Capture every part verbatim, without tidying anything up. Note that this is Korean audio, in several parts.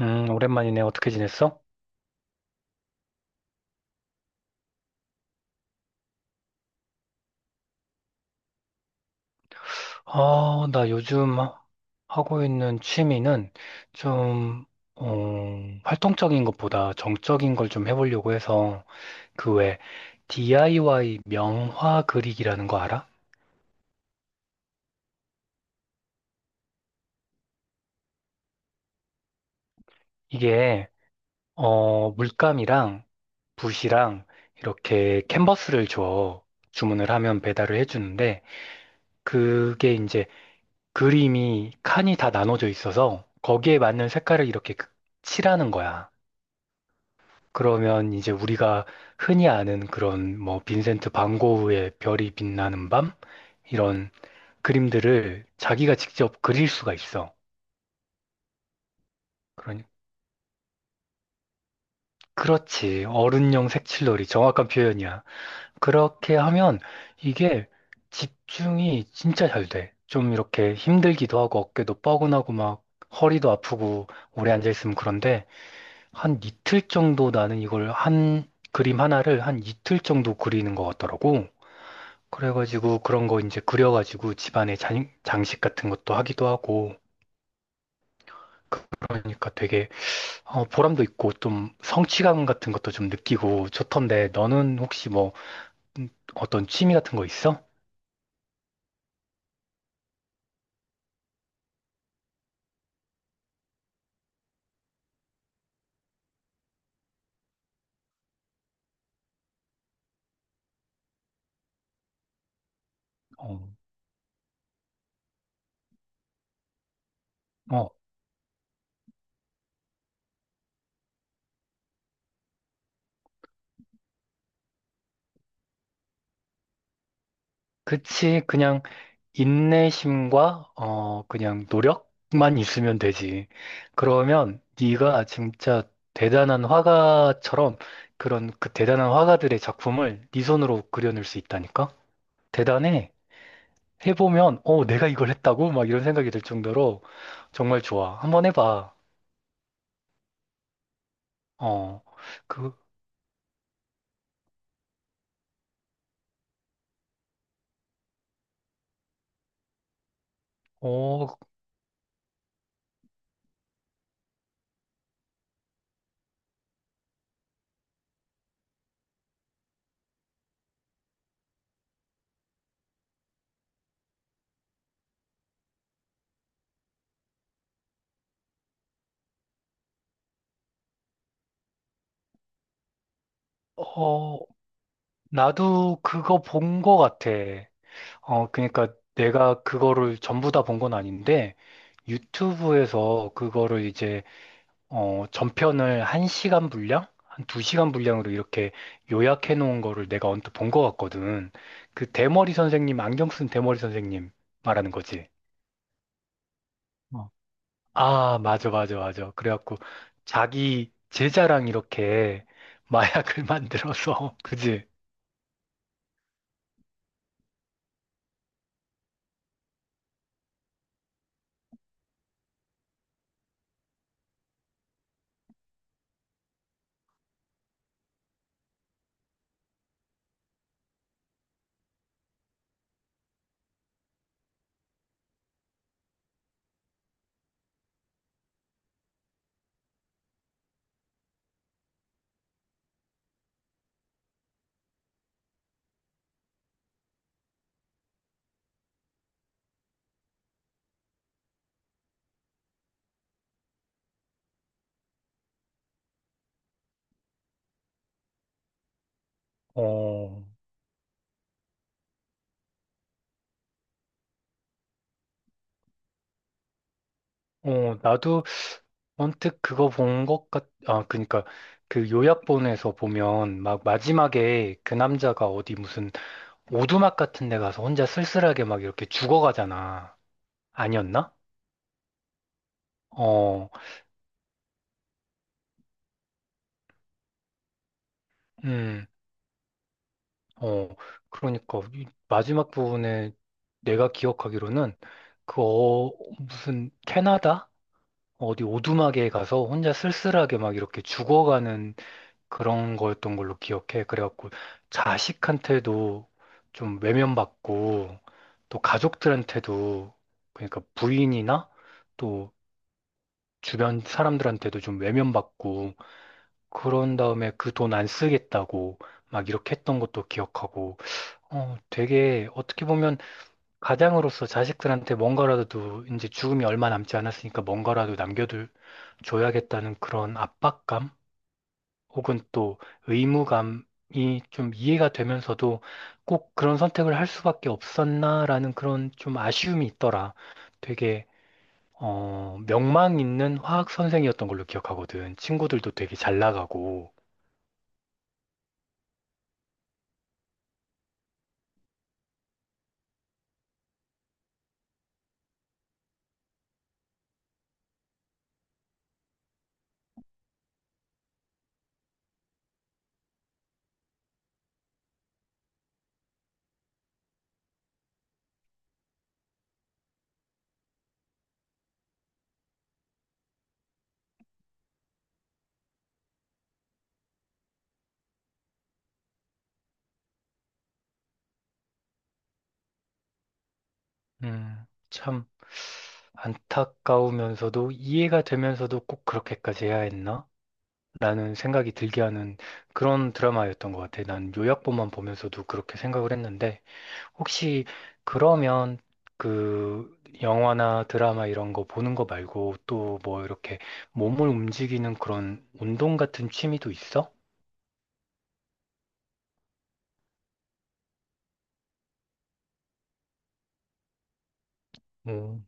음, 오랜만이네. 어떻게 지냈어? 아, 나 요즘 하- 하고 있는 취미는 좀, 어, 활동적인 것보다 정적인 걸 좀 해보려고 해서 그 외 디아이와이 명화 그리기라는 거 알아? 이게, 어, 물감이랑 붓이랑 이렇게 캔버스를 줘. 주문을 하면 배달을 해주는데 그게 이제 그림이 칸이 다 나눠져 있어서 거기에 맞는 색깔을 이렇게 그- 칠하는 거야. 그러면 이제 우리가 흔히 아는 그런 뭐 빈센트 반 고흐의 별이 빛나는 밤 이런 그림들을 자기가 직접 그릴 수가 있어. 그러니 그렇지. 어른용 색칠놀이 정확한 표현이야. 그렇게 하면 이게 집중이 진짜 잘 돼. 좀 이렇게 힘들기도 하고 어깨도 뻐근하고 막 허리도 아프고 오래 앉아 있으면 그런데 한 이틀 정도 나는 이걸 한 그림 하나를 한 이틀 정도 그리는 것 같더라고. 그래가지고 그런 거 이제 그려가지고 집안에 장, 장식 같은 것도 하기도 하고 그러니까 되게 어, 보람도 있고 좀 성취감 같은 것도 좀 느끼고 좋던데 너는 혹시 뭐 음, 어떤 취미 같은 거 있어? 어, 어, 그치. 그냥 인내심과 어, 그냥 노력만 있으면 되지. 그러면 네가 진짜 대단한 화가처럼 그런 그 대단한 화가들의 작품을 네 손으로 그려낼 수 있다니까? 대단해. 해보면, 어, 내가 이걸 했다고? 막 이런 생각이 들 정도로 정말 좋아. 한번 해봐. 어, 그, 어, 어, 나도 그거 본 거 같아. 어, 그러니까 내가 그거를 전부 다 본 건 아닌데, 유튜브에서 그거를 이제, 어, 전편을 한시간 분량? 한 두시간 분량으로 이렇게 요약해 놓은 거를 내가 언뜻 본 거 같거든. 그 대머리 선생님, 안경 쓴 대머리 선생님 말하는 거지. 아, 맞아, 맞아, 맞아. 그래갖고 자기 제자랑 이렇게 마약을 만들어서, 그지? 어, 어, 나도 언뜻 그거 본 것 같, 아, 그니까 그 요약본에서 보면 막 마지막에 그 남자가 어디 무슨 오두막 같은 데 가서 혼자 쓸쓸하게 막 이렇게 죽어가잖아. 아니었나? 어, 음, 어, 그러니까 이 마지막 부분에 내가 기억하기로는 그 어, 무슨 캐나다? 어디 오두막에 가서 혼자 쓸쓸하게 막 이렇게 죽어가는 그런 거였던 걸로 기억해. 그래갖고 자식한테도 좀 외면받고 또 가족들한테도 그러니까 부인이나 또 주변 사람들한테도 좀 외면받고 그런 다음에 그 돈 안 쓰겠다고 막 이렇게 했던 것도 기억하고 어 되게 어떻게 보면 가장으로서 자식들한테 뭔가라도 이제 죽음이 얼마 남지 않았으니까 뭔가라도 남겨둘 줘야겠다는 그런 압박감 혹은 또 의무감이 좀 이해가 되면서도 꼭 그런 선택을 할 수밖에 없었나라는 그런 좀 아쉬움이 있더라. 되게 어, 명망 있는 화학 선생이었던 걸로 기억하거든. 친구들도 되게 잘 나가고. 음, 참 안타까우면서도 이해가 되면서도 꼭 그렇게까지 해야 했나? 라는 생각이 들게 하는 그런 드라마였던 것 같아. 난 요약본만 보면서도 그렇게 생각을 했는데, 혹시 그러면 그 영화나 드라마 이런 거 보는 거 말고 또 뭐 이렇게 몸을 움직이는 그런 운동 같은 취미도 있어? 음.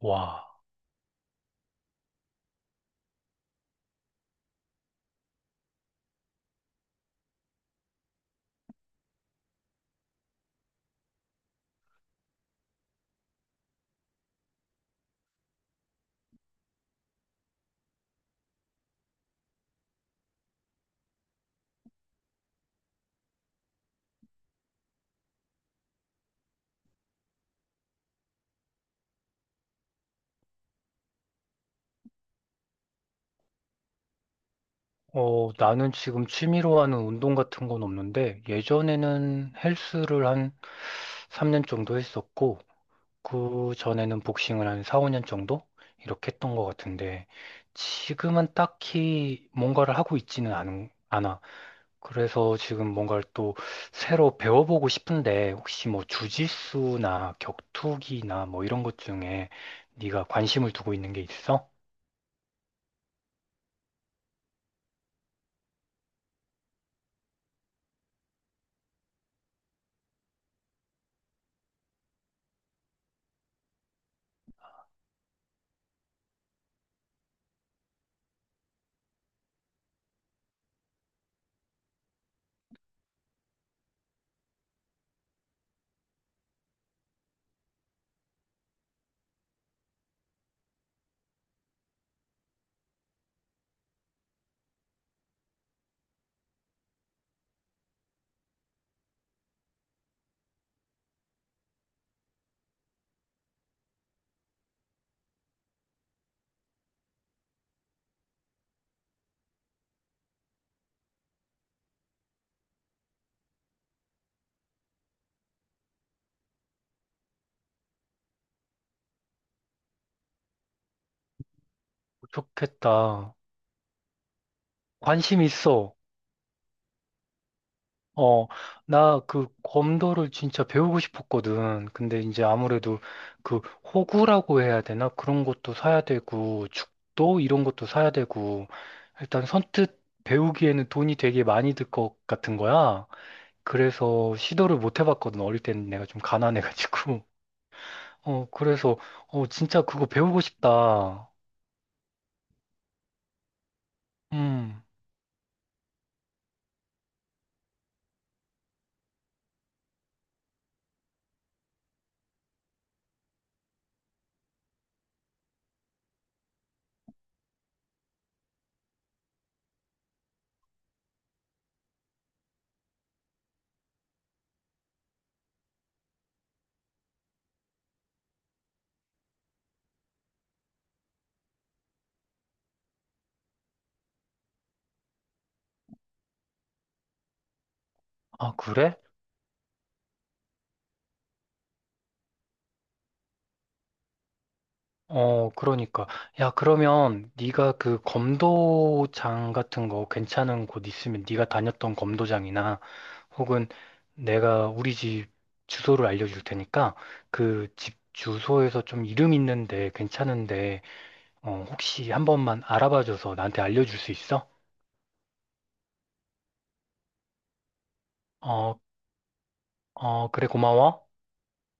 와, 어, 나는 지금 취미로 하는 운동 같은 건 없는데, 예전에는 헬스를 한 삼 년 정도 했었고, 그 전에는 복싱을 한 사, 오 년 정도 이렇게 했던 것 같은데 지금은 딱히 뭔가를 하고 있지는 않, 않아. 그래서 지금 뭔가를 또 새로 배워보고 싶은데 혹시 뭐 주짓수나 격투기나 뭐 이런 것 중에 네가 관심을 두고 있는 게 있어? 좋겠다. 관심 있어. 어, 나 그 검도를 진짜 배우고 싶었거든. 근데 이제 아무래도 그 호구라고 해야 되나? 그런 것도 사야 되고, 죽도 이런 것도 사야 되고, 일단 선뜻 배우기에는 돈이 되게 많이 들 것 같은 거야. 그래서 시도를 못 해봤거든. 어릴 때는 내가 좀 가난해가지고. 어, 그래서, 어, 진짜 그거 배우고 싶다. 음, 아, 그래? 어, 그러니까. 야, 그러면 네가 그 검도장 같은 거 괜찮은 곳 있으면 네가 다녔던 검도장이나 혹은 내가 우리 집 주소를 알려줄 테니까 그 집 주소에서 좀 이름 있는데 괜찮은데 어, 혹시 한 번만 알아봐줘서 나한테 알려줄 수 있어? 어, 어, 그래, 고마워.